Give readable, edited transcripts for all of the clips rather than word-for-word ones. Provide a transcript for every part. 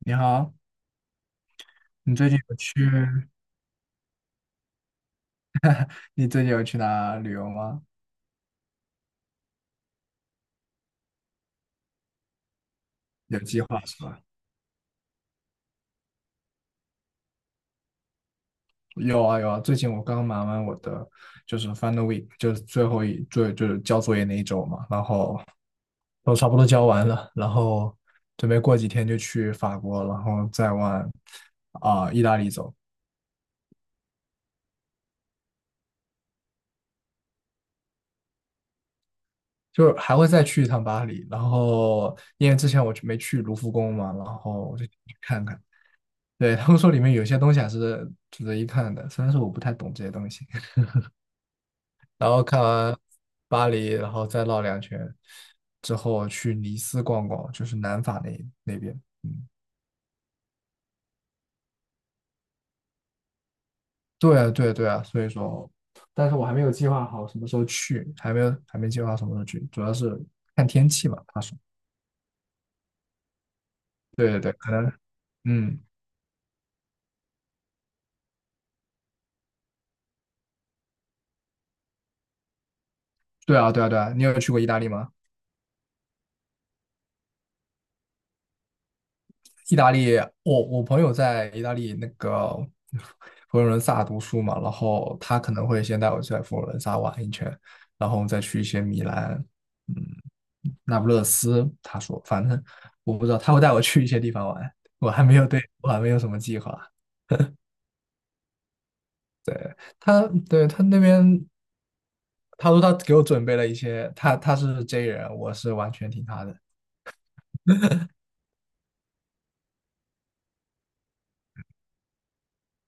你好，你最近有去，你最近有去哪旅游吗？有计划是吧？有啊有啊，最近我刚忙完就是 final week，就是最后就是交作业那一周嘛，然后都差不多交完了，然后准备过几天就去法国，然后再往意大利走，就是还会再去一趟巴黎。然后因为之前没去卢浮宫嘛，然后我就去看看。对，他们说里面有些东西还是值得一看的，虽然说我不太懂这些东西。然后看完巴黎，然后再绕两圈，之后去尼斯逛逛，就是南法那边。嗯，对啊，对啊对啊，所以说，但是我还没有计划好什么时候去，还没计划好什么时候去，主要是看天气嘛。他说，对对对，可能，嗯，对啊对啊对啊，你有去过意大利吗？意大利，我朋友在意大利那个佛罗伦萨读书嘛，然后他可能会先带我去佛罗伦萨玩一圈，然后再去一些米兰，嗯，那不勒斯。他说，反正我不知道，他会带我去一些地方玩，我还没有对，我还没有什么计划。对他，对他那边，他说他给我准备了一些，他是 J 人，我是完全听他的。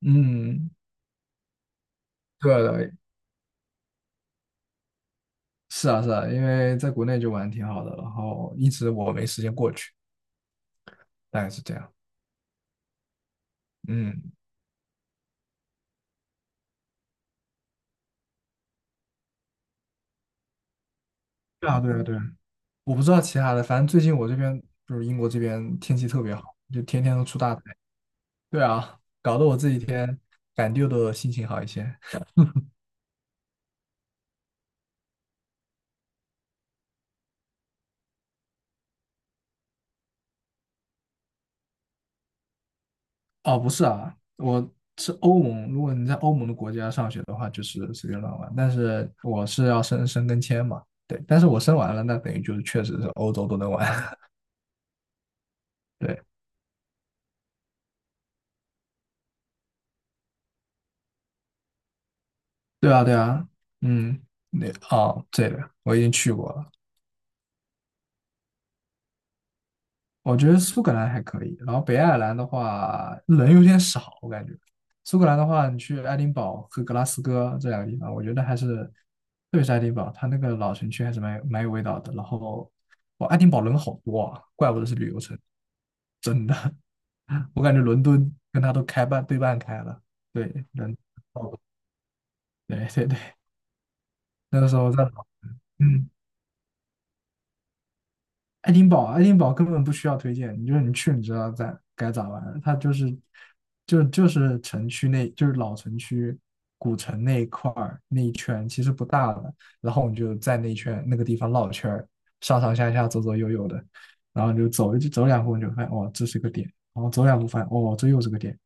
嗯，对的，是啊，是啊，因为在国内就玩得挺好的，然后一直我没时间过去，大概是这样。嗯，对啊，对啊，对啊，我不知道其他的，反正最近我这边就是英国这边天气特别好，就天天都出大太阳。对啊，搞得我这几天感觉的心情好一些。哦，不是啊，我是欧盟，如果你在欧盟的国家上学的话，就是随便乱玩，但是我是要申申根签嘛，对，但是我申完了，那等于就是确实是欧洲都能玩。对。对啊，对啊，嗯，那哦，这个我已经去过了。我觉得苏格兰还可以，然后北爱尔兰的话人有点少，我感觉。苏格兰的话，你去爱丁堡和格拉斯哥这两个地方，我觉得还是，特别是爱丁堡，它那个老城区还是蛮有味道的。然后，哇，爱丁堡人好多啊，怪不得是旅游城。我感觉伦敦跟它都开半对半开了。对，人，哦，对对对，那个时候在，嗯。爱丁堡根本不需要推荐，你就是你去你知道在该咋玩儿它就是城区那，就是老城区古城那一块儿那一圈，其实不大了，然后你就在那一圈那个地方绕圈儿，上上下下左左右右的，然后你就走一走两步你就发现哦这是个点，然后走两步发现哦这又是个点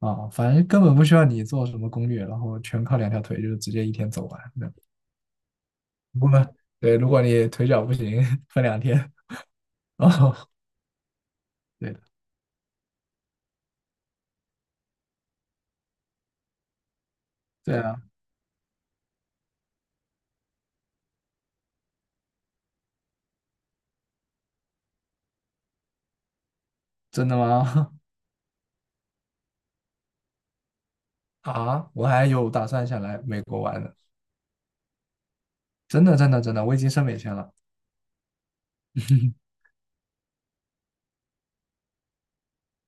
啊，反正根本不需要你做什么攻略，然后全靠两条腿就是直接一天走完那。不过对，如果你腿脚不行，分两天哦，对的。对啊，真的吗？啊，我还有打算想来美国玩呢，真的真的真的，我已经申美签了。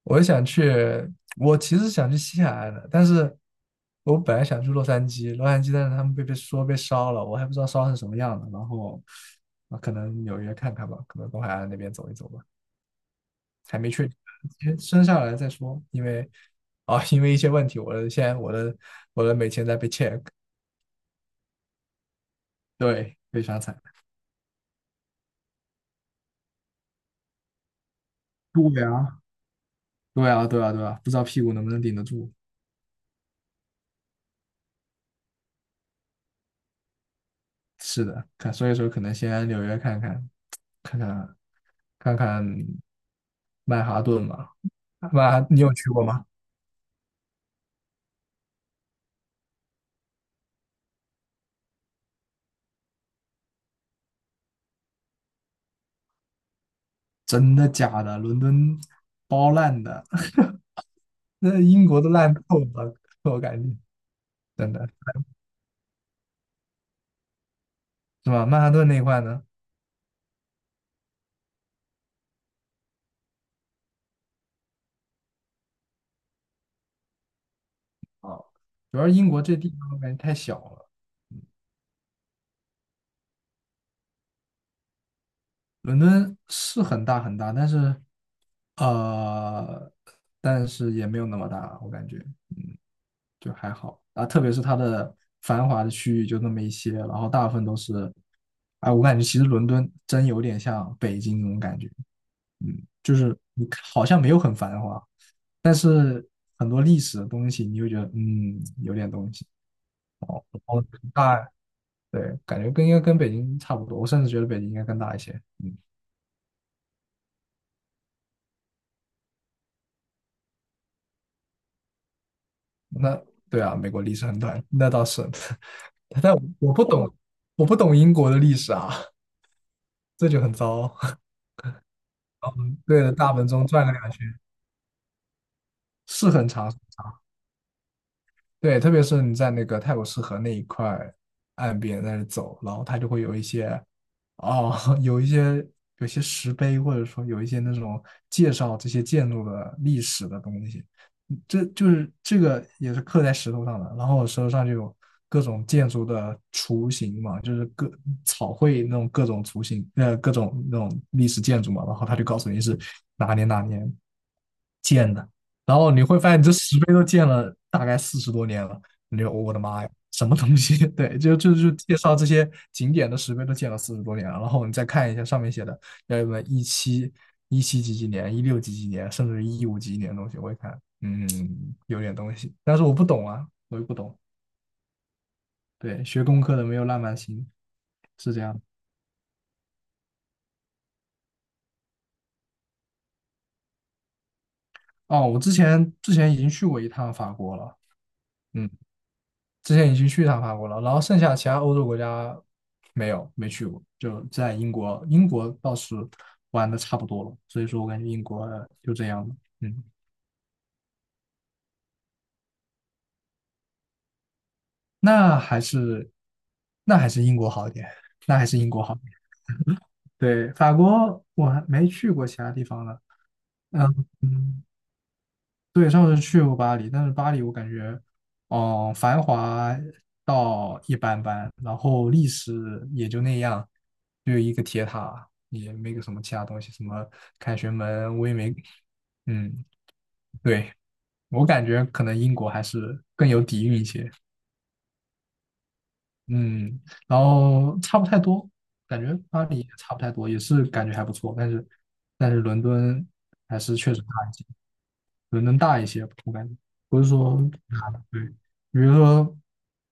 我想去，我其实想去西海岸的，但是我本来想去洛杉矶，但是他们被烧了，我还不知道烧成什么样的。然后啊，可能纽约看看吧，可能东海岸那边走一走吧，还没确定，先升下来再说。因为一些问题，现在我的美签在被 check，对，非常惨。对啊，对啊，对啊，对啊，不知道屁股能不能顶得住。是的，看，所以说可能先来纽约看看，看看看看曼哈顿吧。你有去过吗？真的假的？伦敦包烂的。那英国都烂透了，我感觉真的是吧？曼哈顿那一块呢？啊，主要是英国这地方我感觉太小了。伦敦是很大很大，呃，但是也没有那么大，我感觉。嗯就还好啊。特别是它的繁华的区域就那么一些，然后大部分都是，哎，我感觉其实伦敦真有点像北京那种感觉，就是你看好像没有很繁华，但是很多历史的东西，你会觉得有点东西。然后大，对，感觉应该跟北京差不多，我甚至觉得北京应该更大一些。嗯，那对啊，美国历史很短，那倒是。但我不懂，我不懂英国的历史啊，这就很糟。对着大本钟转了两圈。是很长，是很长。对，特别是你在那个泰晤士河那一块岸边在那走，然后它就会有一些，哦，有一些有些石碑，或者说有一些那种介绍这些建筑的历史的东西。这就是这个也是刻在石头上的。然后我石头上就有各种建筑的雏形嘛，就是草绘那种各种雏形，各种那种历史建筑嘛。然后他就告诉你是哪年哪年建的，然后你会发现你这石碑都建了大概四十多年了。你就我的妈呀，什么东西？对，就介绍这些景点的石碑都建了四十多年了，然后你再看一下上面写的，要不然一七几几年、一六几几年，甚至一五几几年的东西，我一看，嗯，有点东西，但是我不懂啊，我又不懂。对，学工科的没有浪漫心，是这样的。哦，我之前已经去过一趟法国了，嗯，之前已经去一趟法国了，然后剩下其他欧洲国家没去过，就在英国，英国倒是玩的差不多了，所以说我感觉英国就这样了，那还是那还是英国好一点，那还是英国好一点。对，法国我还没去过其他地方呢，嗯嗯。对，上次去过巴黎，但是巴黎我感觉，繁华到一般般，然后历史也就那样，就一个铁塔，也没个什么其他东西，什么凯旋门我也没，嗯，对，我感觉可能英国还是更有底蕴一些。嗯，然后差不太多，感觉巴黎也差不太多，也是感觉还不错，但是伦敦还是确实大一些，伦敦大一些，我感觉不是说大的对，比如说，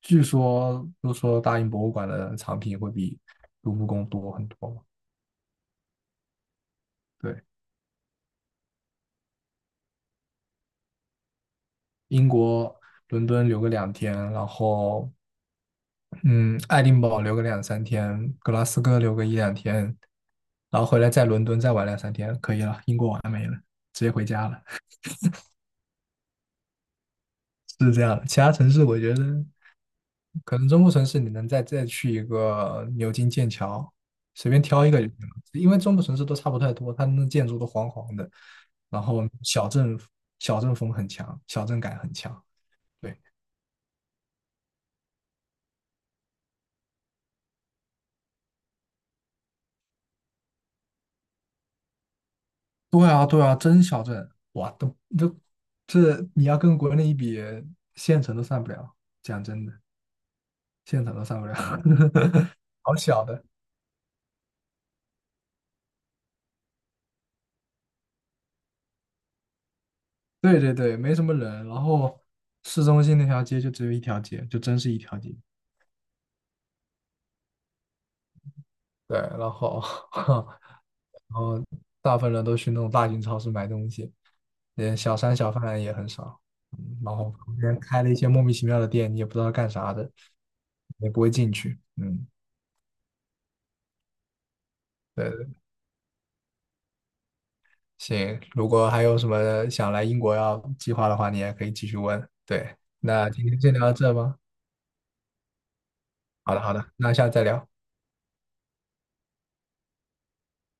都说大英博物馆的藏品会比卢浮宫多很多嘛。对，英国伦敦留个两天，然后嗯，爱丁堡留个两三天，格拉斯哥留个一两天，然后回来在伦敦再玩两三天，可以了，英国完美了，直接回家了。是这样的。其他城市我觉得可能中部城市你能再去一个牛津、剑桥，随便挑一个就行了，因为中部城市都差不太多，他们的建筑都黄黄的，然后小镇风很强，小镇感很强。对。对啊，对啊，真小镇，哇，都这你要跟国内一比，县城都上不了。讲真的，县城都上不了。好小的。对对对，没什么人。然后市中心那条街就只有一条街，就真是一条街。对，然后 然后大部分人都去那种大型超市买东西，连小商小贩也很少。然后旁边开了一些莫名其妙的店，你也不知道干啥的，也不会进去。嗯。对。行，如果还有什么想来英国要计划的话，你也可以继续问。对，那今天先聊到这吧。好的，好的，那下次再聊。